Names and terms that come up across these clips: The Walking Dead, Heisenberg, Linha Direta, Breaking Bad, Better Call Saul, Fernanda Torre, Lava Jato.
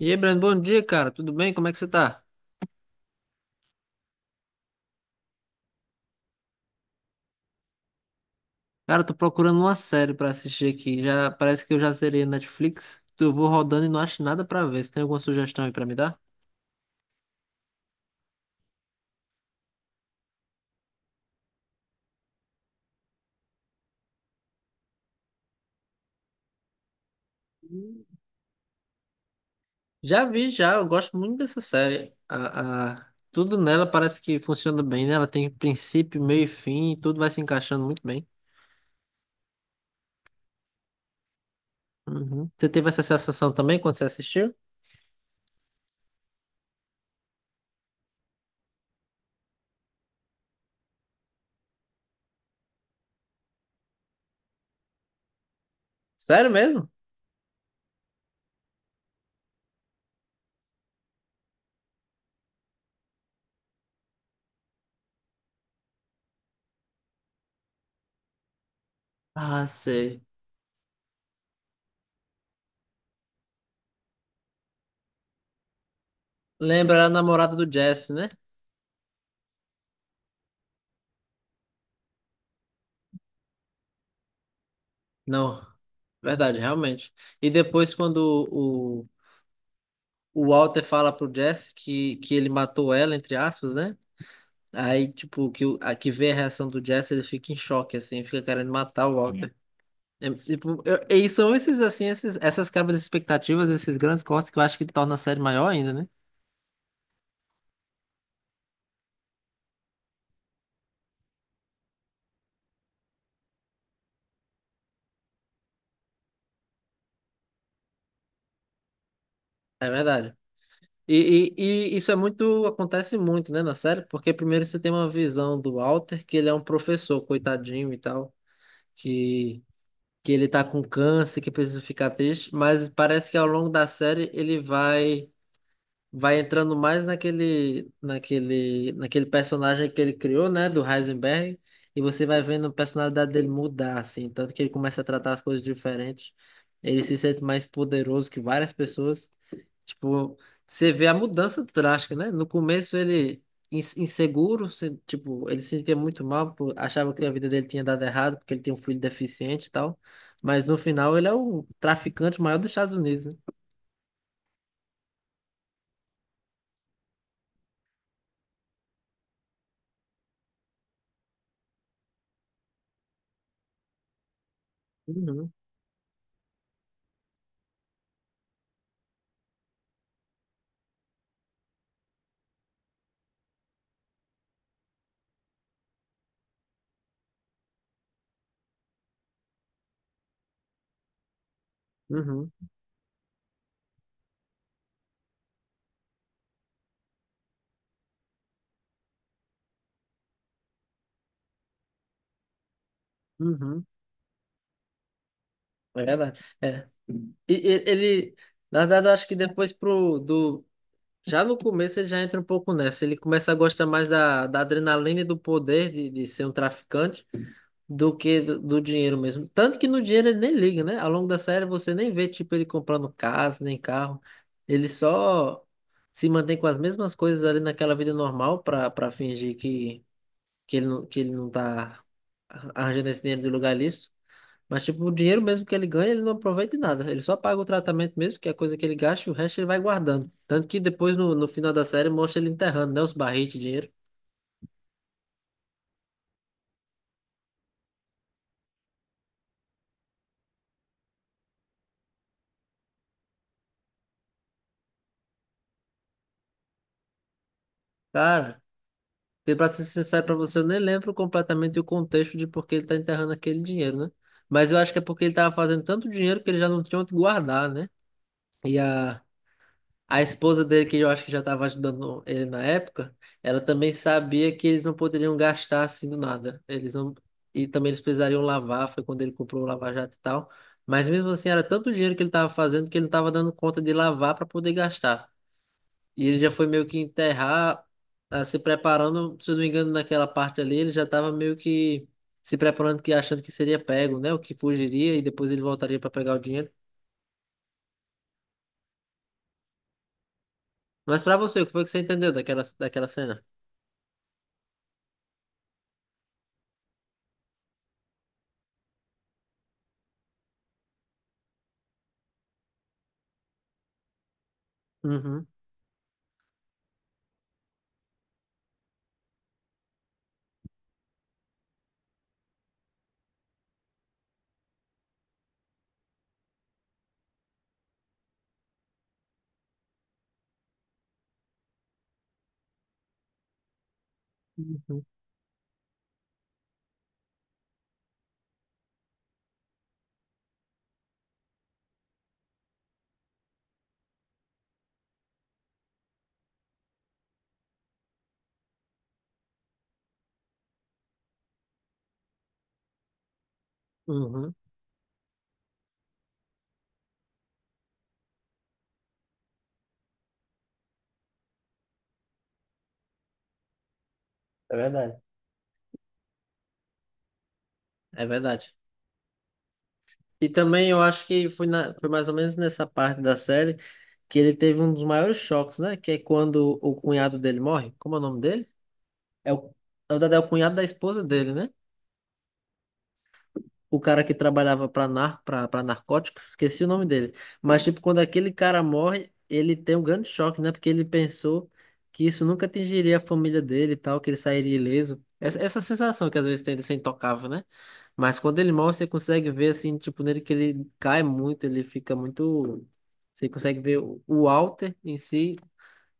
E aí, Brando, bom dia, cara. Tudo bem? Como é que você tá? Cara, eu tô procurando uma série pra assistir aqui. Já parece que eu já zerei a Netflix. Eu vou rodando e não acho nada pra ver. Você tem alguma sugestão aí pra me dar? Já vi, já. Eu gosto muito dessa série. Tudo nela parece que funciona bem, né? Ela tem princípio, meio e fim, e tudo vai se encaixando muito bem. Uhum. Você teve essa sensação também quando você assistiu? Sério mesmo? Ah, sei. Lembra a namorada do Jesse, né? Não, verdade, realmente. E depois quando o Walter fala pro Jesse que ele matou ela, entre aspas, né? Aí, tipo, que vê a reação do Jesse, ele fica em choque, assim, fica querendo matar o Walter. É, tipo, e são esses, assim, esses, essas quebras de expectativas, esses grandes cortes que eu acho que torna a série maior ainda, né? É verdade. E isso é muito, acontece muito, né, na série, porque primeiro você tem uma visão do Walter, que ele é um professor, coitadinho e tal, que, que ele tá com câncer, que precisa ficar triste, mas parece que ao longo da série ele vai entrando mais naquele personagem que ele criou, né, do Heisenberg, e você vai vendo a personalidade dele mudar, assim, tanto que ele começa a tratar as coisas diferentes, ele se sente mais poderoso que várias pessoas, tipo, você vê a mudança drástica, né, no começo ele inseguro, tipo, ele se sentia muito mal, achava que a vida dele tinha dado errado, porque ele tinha um filho deficiente e tal, mas no final ele é o traficante maior dos Estados Unidos, né? Uhum, uhum, uhum. É verdade. É. Ele, na verdade, eu acho que depois pro do já no começo ele já entra um pouco nessa. Ele começa a gostar mais da adrenalina e do poder de ser um traficante do que do dinheiro mesmo. Tanto que no dinheiro ele nem liga, né? Ao longo da série você nem vê tipo ele comprando casa nem carro. Ele só se mantém com as mesmas coisas ali naquela vida normal para para fingir que ele não, que ele não tá arranjando esse dinheiro de lugar lícito. Mas, tipo, o dinheiro mesmo que ele ganha, ele não aproveita em nada. Ele só paga o tratamento mesmo, que é a coisa que ele gasta, e o resto ele vai guardando. Tanto que depois, no final da série, mostra ele enterrando, né? Os barris de dinheiro. Cara, e pra ser sincero pra você, eu nem lembro completamente o contexto de por que ele tá enterrando aquele dinheiro, né? Mas eu acho que é porque ele tava fazendo tanto dinheiro que ele já não tinha onde guardar, né? E a, A esposa dele, que eu acho que já estava ajudando ele na época, ela também sabia que eles não poderiam gastar assim do nada. Eles não... E também eles precisariam lavar, foi quando ele comprou o Lava Jato e tal. Mas mesmo assim, era tanto dinheiro que ele estava fazendo que ele não estava dando conta de lavar para poder gastar. E ele já foi meio que enterrar, ah, se preparando, se eu não me engano, naquela parte ali, ele já estava meio que se preparando, que achando que seria pego, né? O que fugiria e depois ele voltaria para pegar o dinheiro. Mas para você, o que foi que você entendeu daquela cena? Uhum. Uhum, uhum. É verdade, é verdade. E também eu acho que foi, na, foi mais ou menos nessa parte da série que ele teve um dos maiores choques, né? Que é quando o cunhado dele morre. Como é o nome dele? É o, na verdade, é o cunhado da esposa dele, né? O cara que trabalhava para pra narcóticos, esqueci o nome dele. Mas, tipo, quando aquele cara morre, ele tem um grande choque, né? Porque ele pensou que isso nunca atingiria a família dele e tal, que ele sairia ileso. Essa sensação que às vezes tem de ser intocável, né? Mas quando ele morre, você consegue ver, assim, tipo, nele que ele cai muito, ele fica muito. Você consegue ver o Walter em si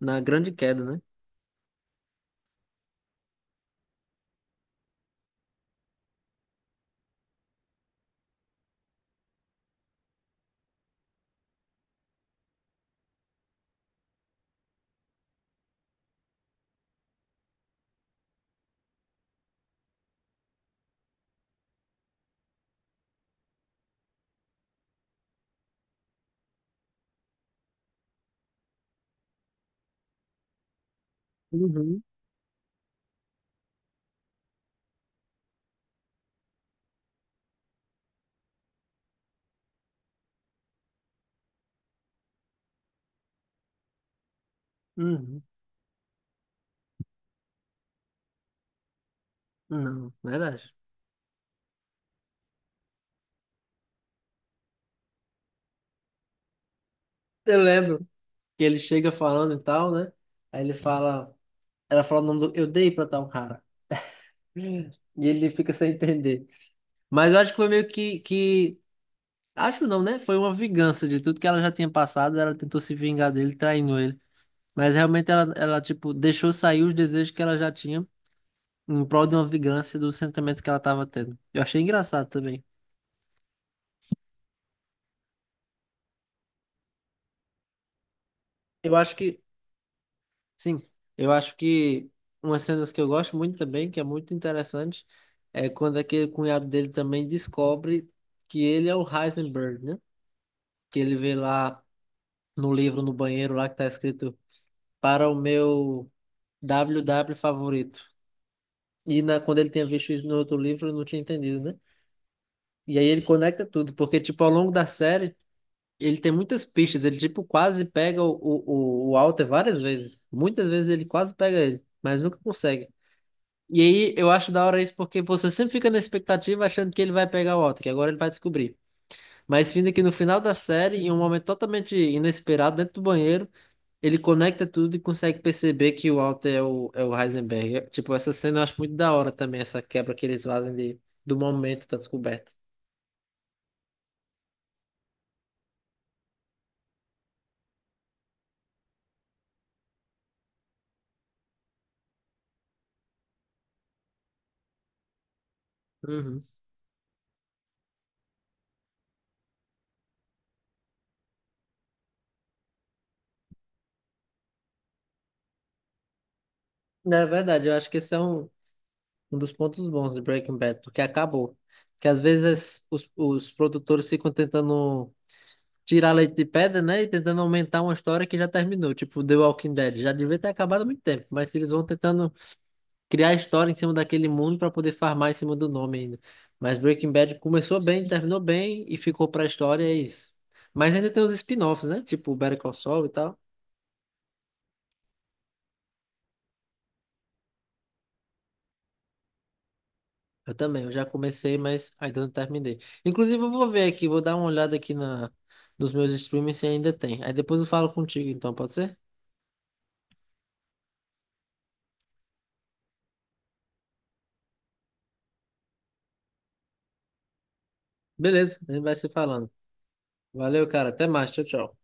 na grande queda, né? Uhum, uhum. Não, verdade. Eu lembro que ele chega falando e tal, né? Aí ele fala. Ela fala o nome do. Eu dei pra tal cara. E ele fica sem entender. Mas eu acho que foi meio que. Acho não, né? Foi uma vingança de tudo que ela já tinha passado. Ela tentou se vingar dele, traindo ele. Mas realmente ela tipo, deixou sair os desejos que ela já tinha em prol de uma vingança dos sentimentos que ela tava tendo. Eu achei engraçado também. Eu acho que. Sim. Eu acho que umas cenas que eu gosto muito também, que é muito interessante, é quando aquele cunhado dele também descobre que ele é o Heisenberg, né? Que ele vê lá no livro, no banheiro lá que tá escrito para o meu WW favorito. E na, quando ele tinha visto isso no outro livro, ele não tinha entendido, né? E aí ele conecta tudo, porque, tipo, ao longo da série, ele tem muitas pistas. Ele, tipo, quase pega o Walter várias vezes. Muitas vezes ele quase pega ele, mas nunca consegue. E aí eu acho da hora isso porque você sempre fica na expectativa achando que ele vai pegar o Walter, que agora ele vai descobrir. Mas vindo aqui no final da série, em um momento totalmente inesperado, dentro do banheiro, ele conecta tudo e consegue perceber que o Walter é o Heisenberg. Tipo, essa cena eu acho muito da hora também, essa quebra que eles fazem de, do momento da descoberta. Uhum. Na verdade, eu acho que esse é um, um dos pontos bons de Breaking Bad, porque acabou. Que às vezes os produtores ficam tentando tirar leite de pedra, né? E tentando aumentar uma história que já terminou. Tipo, The Walking Dead. Já devia ter acabado há muito tempo, mas eles vão tentando criar história em cima daquele mundo para poder farmar em cima do nome ainda. Mas Breaking Bad começou bem, terminou bem e ficou pra história, é isso. Mas ainda tem os spin-offs, né? Tipo Better Call Saul e tal. Eu também, eu já comecei, mas ainda não terminei. Inclusive, eu vou ver aqui, vou dar uma olhada aqui na, nos meus streams se ainda tem. Aí depois eu falo contigo, então, pode ser? Beleza, a gente vai se falando. Valeu, cara. Até mais. Tchau, tchau.